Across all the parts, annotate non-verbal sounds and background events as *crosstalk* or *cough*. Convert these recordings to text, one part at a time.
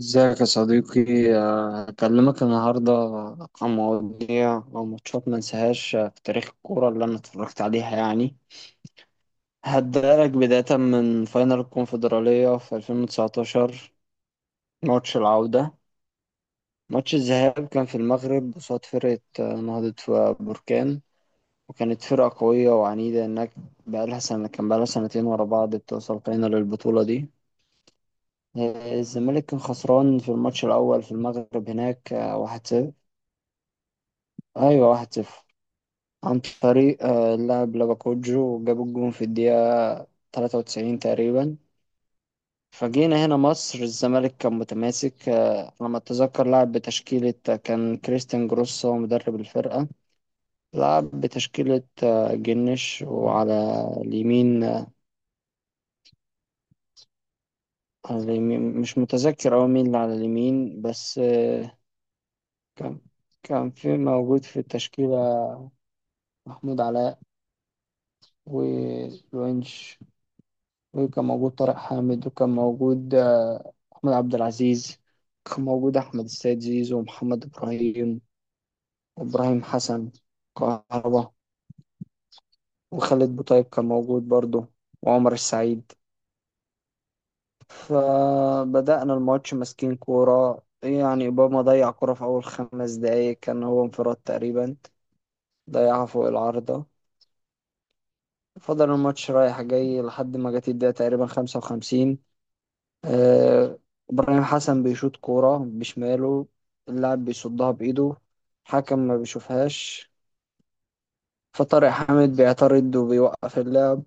ازيك يا صديقي. هكلمك النهاردة عن مواضيع أو ماتشات ما انساهاش في تاريخ الكورة اللي أنا اتفرجت عليها يعني. هبدألك بداية من فاينل الكونفدرالية في 2019. ماتش العودة، ماتش الذهاب كان في المغرب قصاد فرقة نهضة بركان، وكانت فرقة قوية وعنيدة، إنك بقالها سنة، بقالها سنتين ورا بعض بتوصل فاينل البطولة دي. الزمالك كان خسران في الماتش الأول في المغرب هناك، واحد صفر. أيوة واحد صفر، عن طريق اللاعب لاباكوجو، جاب الجون في الدقيقة 93 تقريبا. فجينا هنا مصر، الزمالك كان متماسك. لما أتذكر، لعب بتشكيلة، كان كريستيان جروس هو مدرب الفرقة. لعب بتشكيلة، جنش، وعلى اليمين على اليمين مش متذكر أوي مين اللي على اليمين، بس كان كان موجود في التشكيلة محمود علاء والونش، وكان موجود طارق حامد، وكان موجود أحمد عبد العزيز، كان موجود أحمد السيد زيزو ومحمد إبراهيم وإبراهيم حسن، كهربا، وخالد بوطيب كان موجود برضه، وعمر السعيد. فبدأنا الماتش ماسكين كورة، يعني أوباما ضيع كورة في أول 5 دقايق، كان هو انفراد تقريبا، ضيعها فوق العارضة. فضل الماتش رايح جاي لحد ما جت الدقيقة تقريبا 55. آه، إبراهيم حسن بيشوط كورة بشماله، اللاعب بيصدها بإيده، حكم ما بيشوفهاش، فطارق حامد بيعترض وبيوقف اللعب،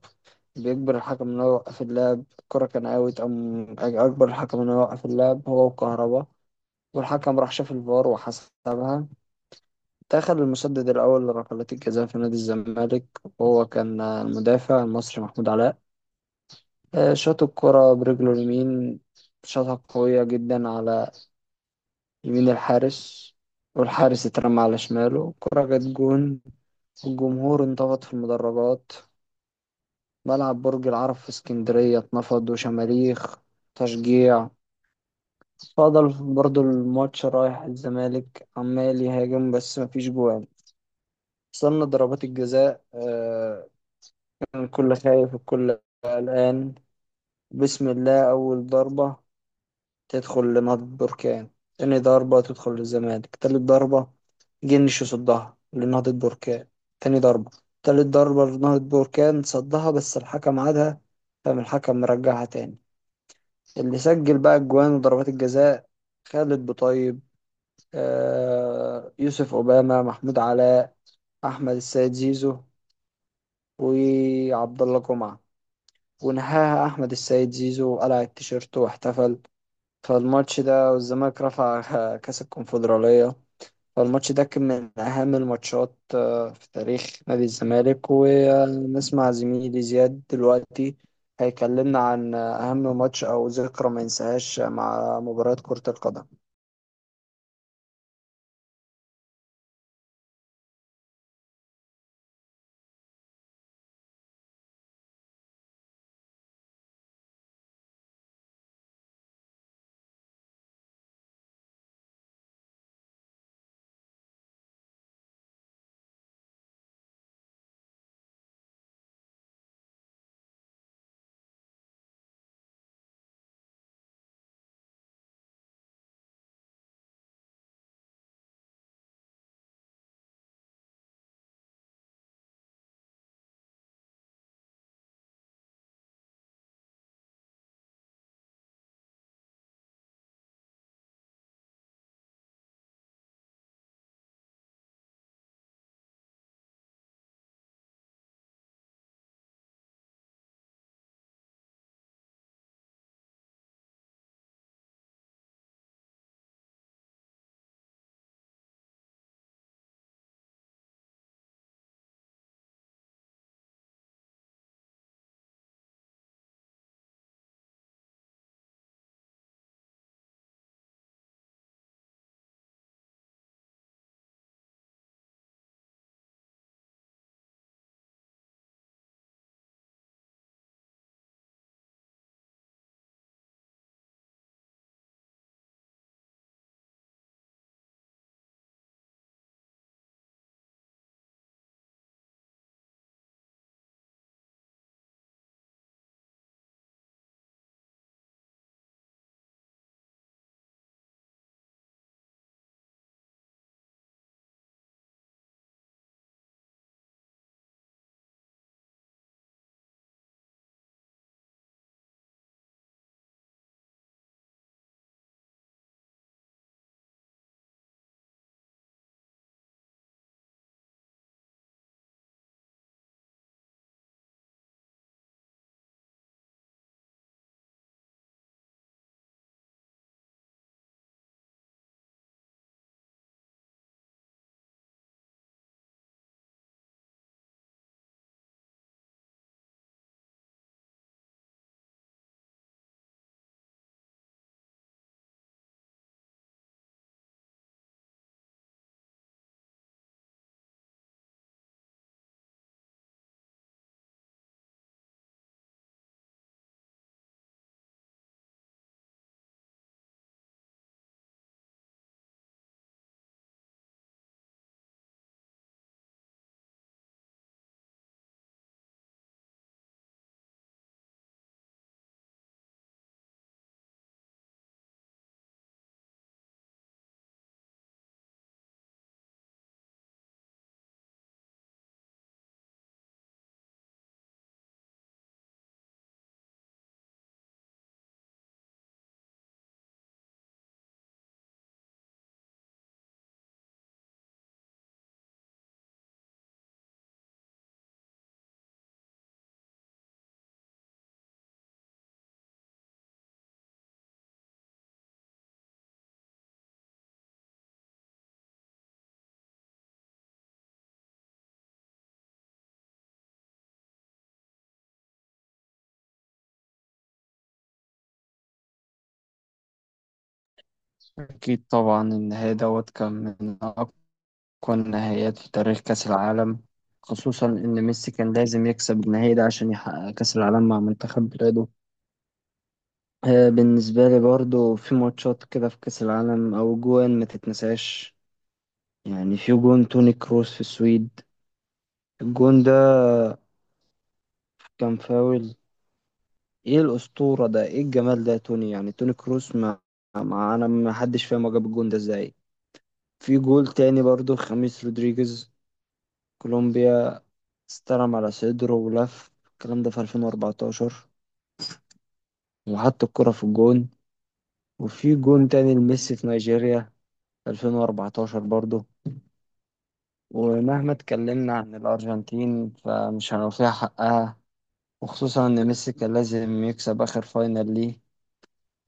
بيجبر الحكم إنه يوقف اللعب، الكرة كان أوت، أم أجبر الحكم إنه يوقف اللعب هو وكهربا. والحكم راح شاف الفار وحسبها. دخل المسدد الأول لركلات الجزاء في نادي الزمالك، وهو كان المدافع المصري محمود علاء. شاط الكرة برجله اليمين، شاطها قوية جدا على يمين الحارس، والحارس اترمى على شماله، كرة جت جون. الجمهور انتفض في المدرجات، ملعب برج العرب في اسكندرية اتنفض، وشماريخ تشجيع. فضل برضو الماتش رايح، الزمالك عمال يهاجم، بس مفيش جوان. وصلنا ضربات الجزاء. كان الكل خايف، الكل قلقان. بسم الله، أول ضربة تدخل لنهضة بركان، تاني ضربة تدخل للزمالك، تالت ضربة جن صدها لنهضة بركان، تاني ضربة، تالت ضربة لنهضة بركان صدها بس الحكم عادها، فقام الحكم مرجعها تاني. اللي سجل بقى الجوان وضربات الجزاء، خالد بطيب، آه يوسف أوباما، محمود علاء، أحمد السيد زيزو، وعبد الله جمعة، ونهاها أحمد السيد زيزو وقلع التيشيرت واحتفل. فالماتش ده والزمالك رفع *laughs* كأس الكونفدرالية. فالماتش ده كان من أهم الماتشات، في تاريخ نادي الزمالك. ونسمع زميلي زياد دلوقتي، هيكلمنا عن أهم ماتش أو ذكرى ما ينساهاش مع مباراة كرة القدم. أكيد طبعا النهائي دوت كان من أقوى النهائيات في تاريخ كأس العالم، خصوصا إن ميسي كان لازم يكسب النهائي ده عشان يحقق كأس العالم مع منتخب بلاده. بالنسبة لي برضو في ماتشات كده في كأس العالم أو جوان ما تتنساش، يعني في جون توني كروس في السويد، الجون ده كان فاول. ايه الأسطورة ده، ايه الجمال ده يا توني، يعني توني كروس ما انا ما حدش فاهم هو جاب الجون ده ازاي. في جول تاني برضو خميس رودريجيز، كولومبيا، استلم على صدره ولف الكلام ده في 2014 وحط الكرة في الجون. وفي جون تاني لميسي في نيجيريا 2014 برضو. ومهما اتكلمنا عن الأرجنتين فمش هنوفيها حقها، وخصوصا إن ميسي كان لازم يكسب آخر فاينل ليه،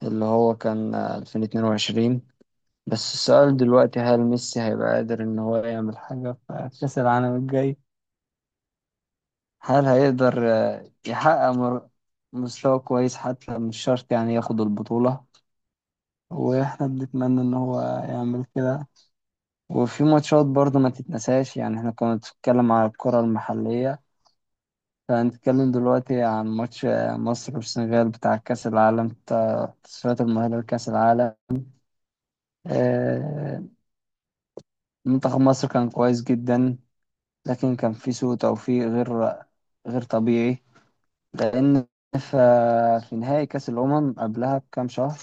اللي هو كان 2022. بس السؤال دلوقتي، هل ميسي هيبقى قادر إن هو يعمل حاجة في كأس العالم الجاي؟ هل هيقدر يحقق مستوى كويس، حتى مش شرط يعني ياخد البطولة، واحنا بنتمنى ان هو يعمل كده. وفي ماتشات برضه ما تتنساش، يعني احنا كنا بنتكلم على الكرة المحلية، هنتكلم دلوقتي عن ماتش مصر والسنغال بتاع كأس العالم، بتاع تصفيات المؤهلة لكأس العالم. آه، منتخب مصر كان كويس جدا، لكن كان في سوء توفيق غير غير طبيعي. لأن ف- في نهائي كأس الأمم قبلها بكام شهر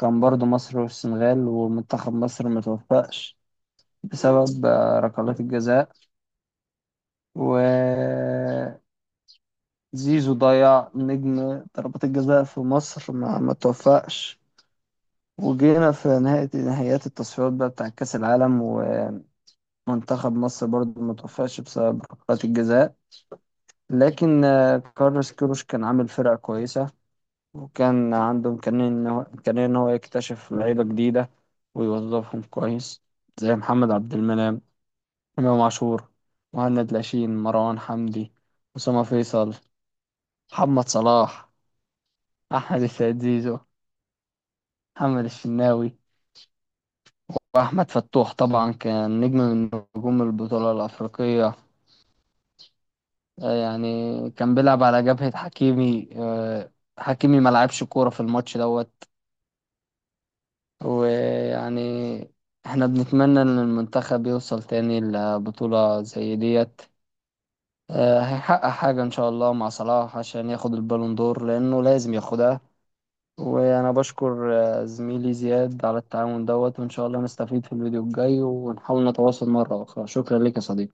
كان برضو مصر والسنغال، ومنتخب مصر متوفقش بسبب ركلات الجزاء، وزيزو ضيع، نجم ضربات الجزاء في مصر ما توفقش. وجينا في نهاية نهائيات التصفيات بقى بتاع كأس العالم، ومنتخب مصر برضه ما توفقش بسبب ركلات الجزاء. لكن كارلوس كيروش كان عامل فرقة كويسة، وكان عنده إمكانية إن هو إمكانية إن هو يكتشف لعيبة جديدة ويوظفهم كويس، زي محمد عبد المنعم، إمام عاشور، مهند لاشين، مروان حمدي، أسامة فيصل، محمد صلاح، أحمد السيد زيزو، محمد الشناوي. وأحمد فتوح طبعا كان نجم من نجوم البطولة الأفريقية. يعني كان بيلعب على جبهة حكيمي، حكيمي ما لعبش كورة في الماتش دوت. ويعني احنا بنتمنى إن المنتخب يوصل تاني لبطولة زي ديت. هيحقق حاجة إن شاء الله مع صلاح عشان ياخد البالون دور، لأنه لازم ياخدها. وأنا بشكر زميلي زياد على التعاون دوت، وإن شاء الله نستفيد في الفيديو الجاي، ونحاول نتواصل مرة أخرى. شكرا لك يا صديقي.